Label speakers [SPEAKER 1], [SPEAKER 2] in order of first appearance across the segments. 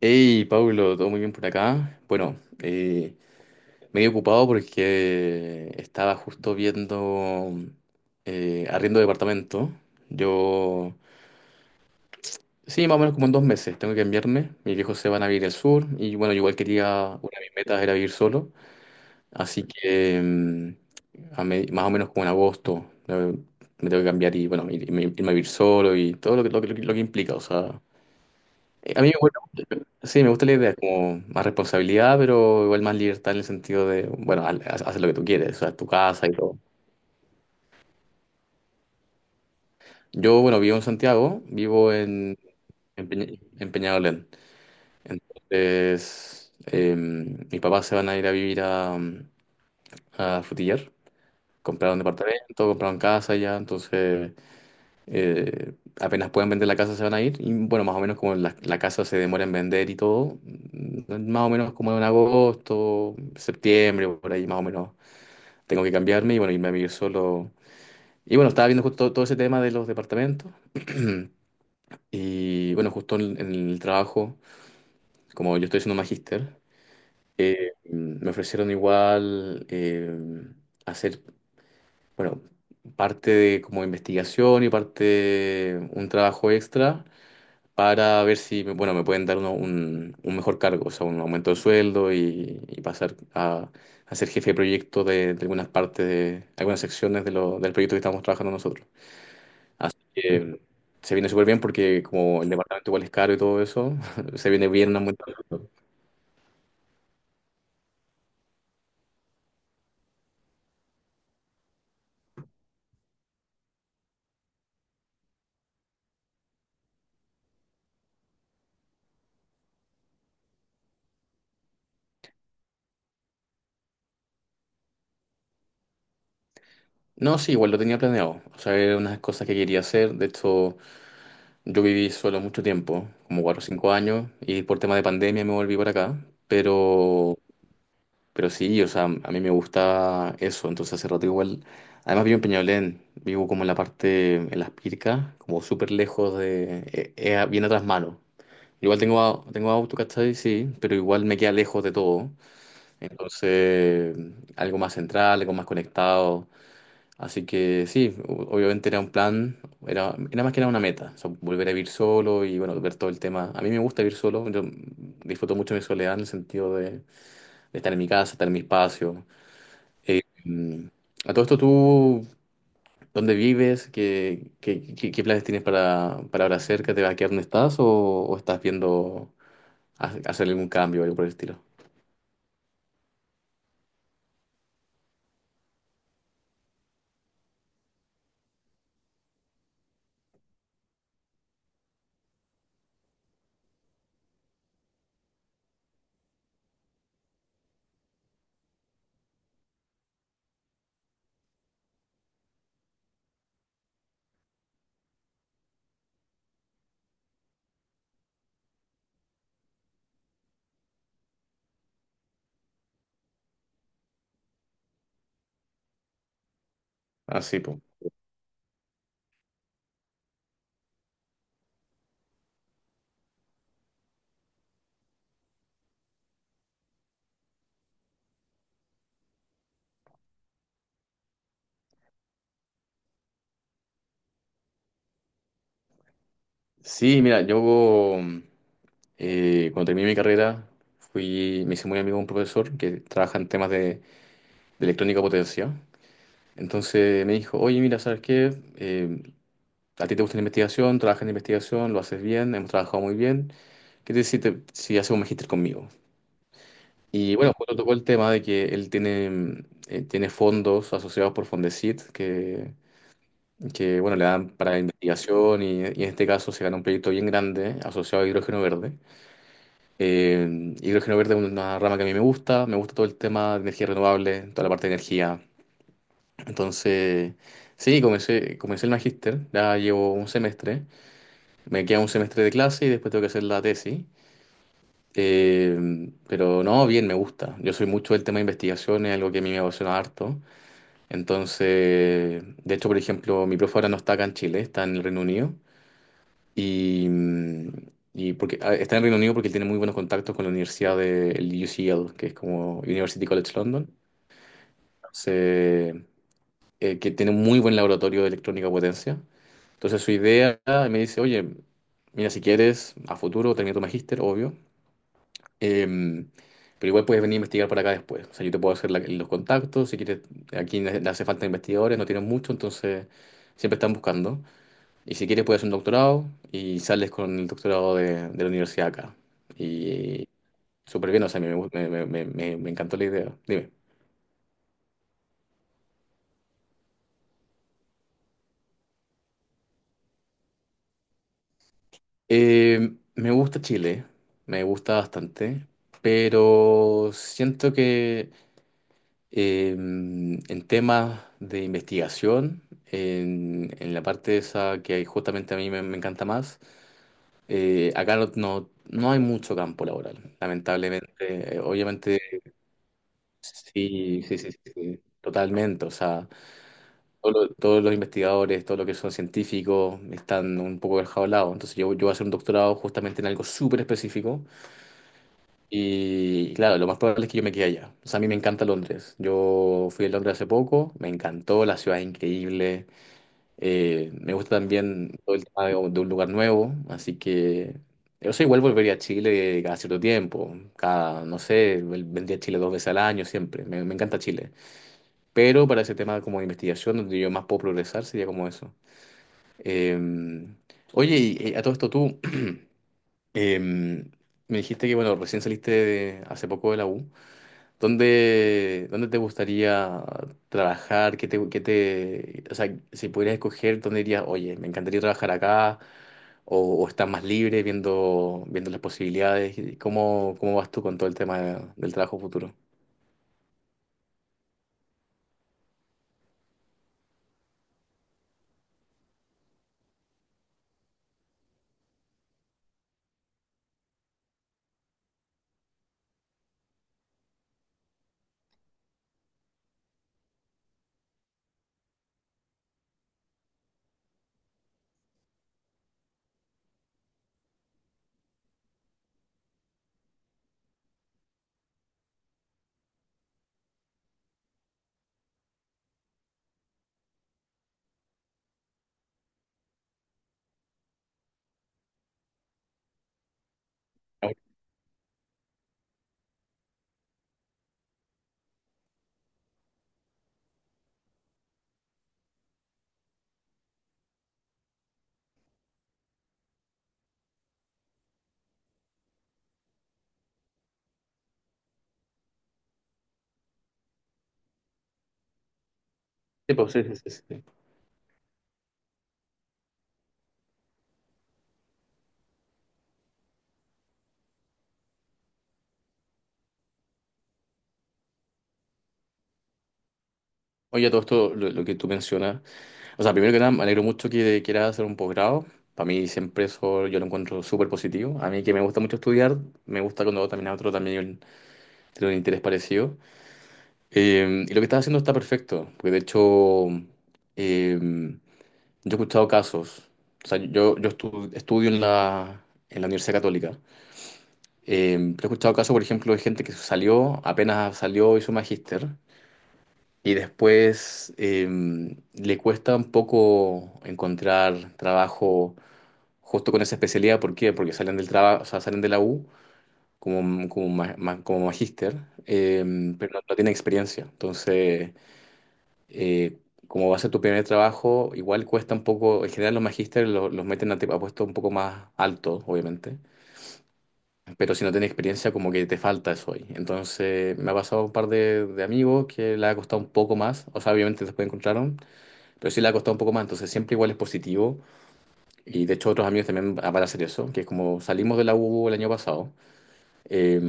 [SPEAKER 1] Hey, Pablo, ¿todo muy bien por acá? Bueno, medio ocupado porque estaba justo viendo arriendo de departamento. Yo, sí, más o menos como en dos meses tengo que enviarme. Mis viejos se van a vivir al sur y bueno, yo igual quería, una de mis metas era vivir solo. Así que más o menos como en agosto me tengo que cambiar y bueno, irme, irme a vivir solo y todo lo que, lo que implica. O sea, a mí me sí, me gusta la idea, como más responsabilidad, pero igual más libertad en el sentido de, bueno, haces lo que tú quieres, o sea, tu casa y todo. Yo, bueno, vivo en Santiago, vivo en en Peñalolén. Entonces, mis papás se van a ir a vivir a Frutillar. Compraron departamento, compraron casa ya, entonces apenas pueden vender la casa se van a ir. Y bueno, más o menos como la casa se demora en vender y todo, más o menos como en agosto, septiembre, por ahí más o menos tengo que cambiarme y bueno, irme a vivir solo. Y bueno, estaba viendo justo todo ese tema de los departamentos. Y bueno, justo en el trabajo, como yo estoy haciendo magíster, me ofrecieron igual hacer, bueno, parte de como investigación y parte un trabajo extra para ver si, bueno, me pueden dar un mejor cargo, o sea, un aumento de sueldo y pasar a ser jefe de proyecto de algunas partes, de algunas secciones de del proyecto que estamos trabajando nosotros. Eh, se viene súper bien porque como el departamento igual es caro y todo eso, se viene bien una multa. No, sí, igual lo tenía planeado. O sea, eran unas cosas que quería hacer. De hecho, yo viví solo mucho tiempo, como cuatro o cinco años, y por tema de pandemia me volví para acá. Pero sí, o sea, a mí me gusta eso. Entonces hace rato igual, además vivo en Peñalolén, vivo como en la parte, en las Pircas, como súper lejos de, bien atrás mano. Igual tengo, tengo auto, ¿cachai? Sí, pero igual me queda lejos de todo. Entonces, algo más central, algo más conectado. Así que sí, obviamente era un plan, era más que era una meta, o sea, volver a vivir solo y bueno, ver todo el tema. A mí me gusta vivir solo, yo disfruto mucho mi soledad en el sentido de estar en mi casa, estar en mi espacio. Eh, mm, a todo esto, ¿tú dónde vives? ¿Qué, qué planes tienes para ahora cerca? ¿Te vas a quedar donde estás o estás viendo hacer algún cambio o algo por el estilo? Así, sí, mira, yo mm, cuando terminé mi carrera fui, me hice muy amigo de un profesor que trabaja en temas de electrónica potencia. Entonces me dijo, oye, mira, ¿sabes qué? Eh, a ti te gusta la investigación, trabajas en investigación, lo haces bien, hemos trabajado muy bien. ¿Qué te si haces un magíster conmigo? Y bueno, justo tocó el tema de que él tiene, tiene fondos asociados por Fondesit que bueno, le dan para investigación y en este caso se ganó un proyecto bien grande asociado a hidrógeno verde. Y hidrógeno verde es una rama que a mí me gusta todo el tema de energía renovable, toda la parte de energía. Entonces, sí, comencé, comencé el magíster, ya llevo un semestre, me queda un semestre de clase y después tengo que hacer la tesis. Pero no, bien, me gusta. Yo soy mucho del tema de investigación, es algo que a mí me apasiona harto. Entonces, de hecho, por ejemplo, mi profe ahora no está acá en Chile, está en el Reino Unido. Y, y porque ah, está en Reino Unido porque él tiene muy buenos contactos con la Universidad de el UCL, que es como University College London. Entonces, que tiene un muy buen laboratorio de electrónica potencia. Entonces su idea él me dice, oye, mira, si quieres, a futuro termina tu magíster, obvio, em, pero igual puedes venir a investigar para acá después. O sea, yo te puedo hacer los contactos, si quieres, aquí le le hace falta investigadores, no tienen mucho, entonces siempre están buscando. Y si quieres puedes hacer un doctorado y sales con el doctorado de la universidad acá. Y súper bien, o sea, me encantó la idea. Dime. Me gusta Chile, me gusta bastante, pero siento que en temas de investigación, en la parte esa que justamente a mí me encanta más, acá no, no hay mucho campo laboral, lamentablemente. Obviamente sí, totalmente. O sea, todos los investigadores, todos los que son científicos, están un poco enjaulados. Entonces yo voy a hacer un doctorado justamente en algo súper específico. Y claro, lo más probable es que yo me quede allá. O sea, a mí me encanta Londres. Yo fui a Londres hace poco, me encantó, la ciudad es increíble. Me gusta también todo el tema de un lugar nuevo. Así que, o sea, igual volvería a Chile cada cierto tiempo. Cada, no sé, vendría a Chile dos veces al año siempre. Me encanta Chile. Pero para ese tema como de investigación, donde yo más puedo progresar, sería como eso. Eh, oye, y, a todo esto tú, me dijiste que, bueno, recién hace poco de la U. ¿Dónde, dónde te gustaría trabajar? Qué te, o sea, si pudieras escoger, ¿dónde dirías, oye, me encantaría trabajar acá? O estás más libre viendo, viendo las posibilidades? ¿Y cómo, cómo vas tú con todo el tema del trabajo futuro? Sí, pues, sí, sí. Oye, a todo esto, lo que tú mencionas, o sea, primero que nada, me alegro mucho que quieras hacer un posgrado. Para mí siempre eso yo lo encuentro súper positivo. A mí que me gusta mucho estudiar, me gusta cuando también a otro también tiene un interés parecido. Y lo que estás haciendo está perfecto, porque de hecho yo he escuchado casos, o sea, yo, estudio en la Universidad Católica. Pero he escuchado casos, por ejemplo, de gente que salió, apenas salió, hizo magíster, y después le cuesta un poco encontrar trabajo justo con esa especialidad, ¿por qué? Porque salen del trabajo, o sea, salen de la U como, como, como magíster, eh, pero no, no tienen experiencia. Entonces, eh, como va a ser tu primer trabajo, igual cuesta un poco, en general los magísteres meten a, a puestos un poco más altos, obviamente, pero si no tienes experiencia, como que te falta eso ahí. Entonces, me ha pasado un par de amigos que le ha costado un poco más, o sea, obviamente después encontraron, pero sí le ha costado un poco más, entonces siempre igual es positivo. Y de hecho otros amigos también van a hacer eso, que es como salimos de la U el año pasado, eh,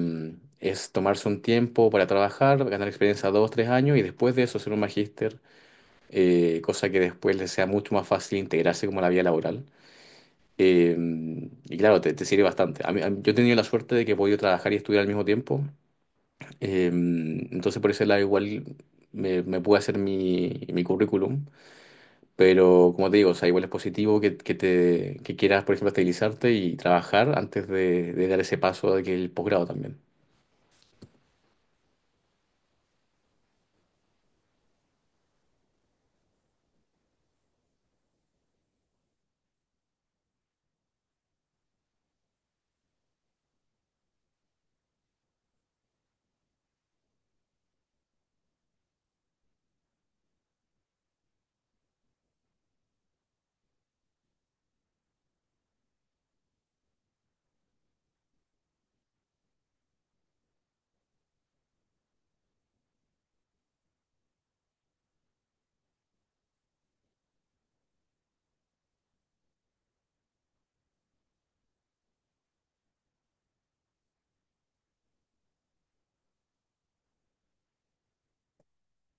[SPEAKER 1] es tomarse un tiempo para trabajar, ganar experiencia dos, tres años y después de eso hacer un magíster, cosa que después les sea mucho más fácil integrarse como a la vida laboral. Eh, y claro, te sirve bastante. Yo he tenido la suerte de que he podido trabajar y estudiar al mismo tiempo, entonces por eso igual me, me pude hacer mi, mi currículum, pero como te digo, o sea, igual es positivo que te, que quieras, por ejemplo, estabilizarte y trabajar antes de dar ese paso de que el posgrado también.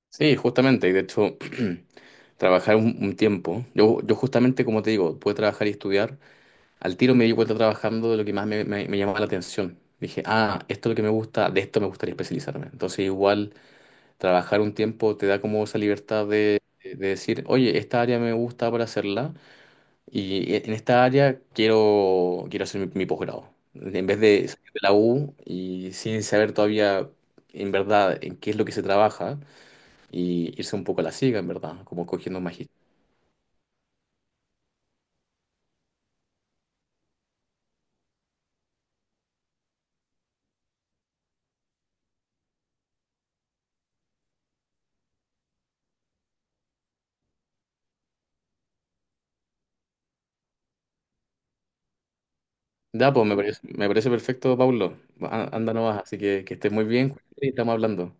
[SPEAKER 1] Sí, justamente, y de hecho, trabajar un tiempo. Yo justamente, como te digo, pude trabajar y estudiar. Al tiro me di cuenta trabajando de lo que más me llamaba la atención. Dije, ah, esto es lo que me gusta, de esto me gustaría especializarme. Entonces, igual, trabajar un tiempo te da como esa libertad de decir, oye, esta área me gusta para hacerla. Y en esta área quiero, quiero hacer mi, mi posgrado. En vez de salir de la U y sin saber todavía en verdad en qué es lo que se trabaja y irse un poco a la siga, en verdad, como cogiendo un magíster. Ya, pues me parece perfecto, Pablo. A- anda nomás, así que estés muy bien y estamos hablando.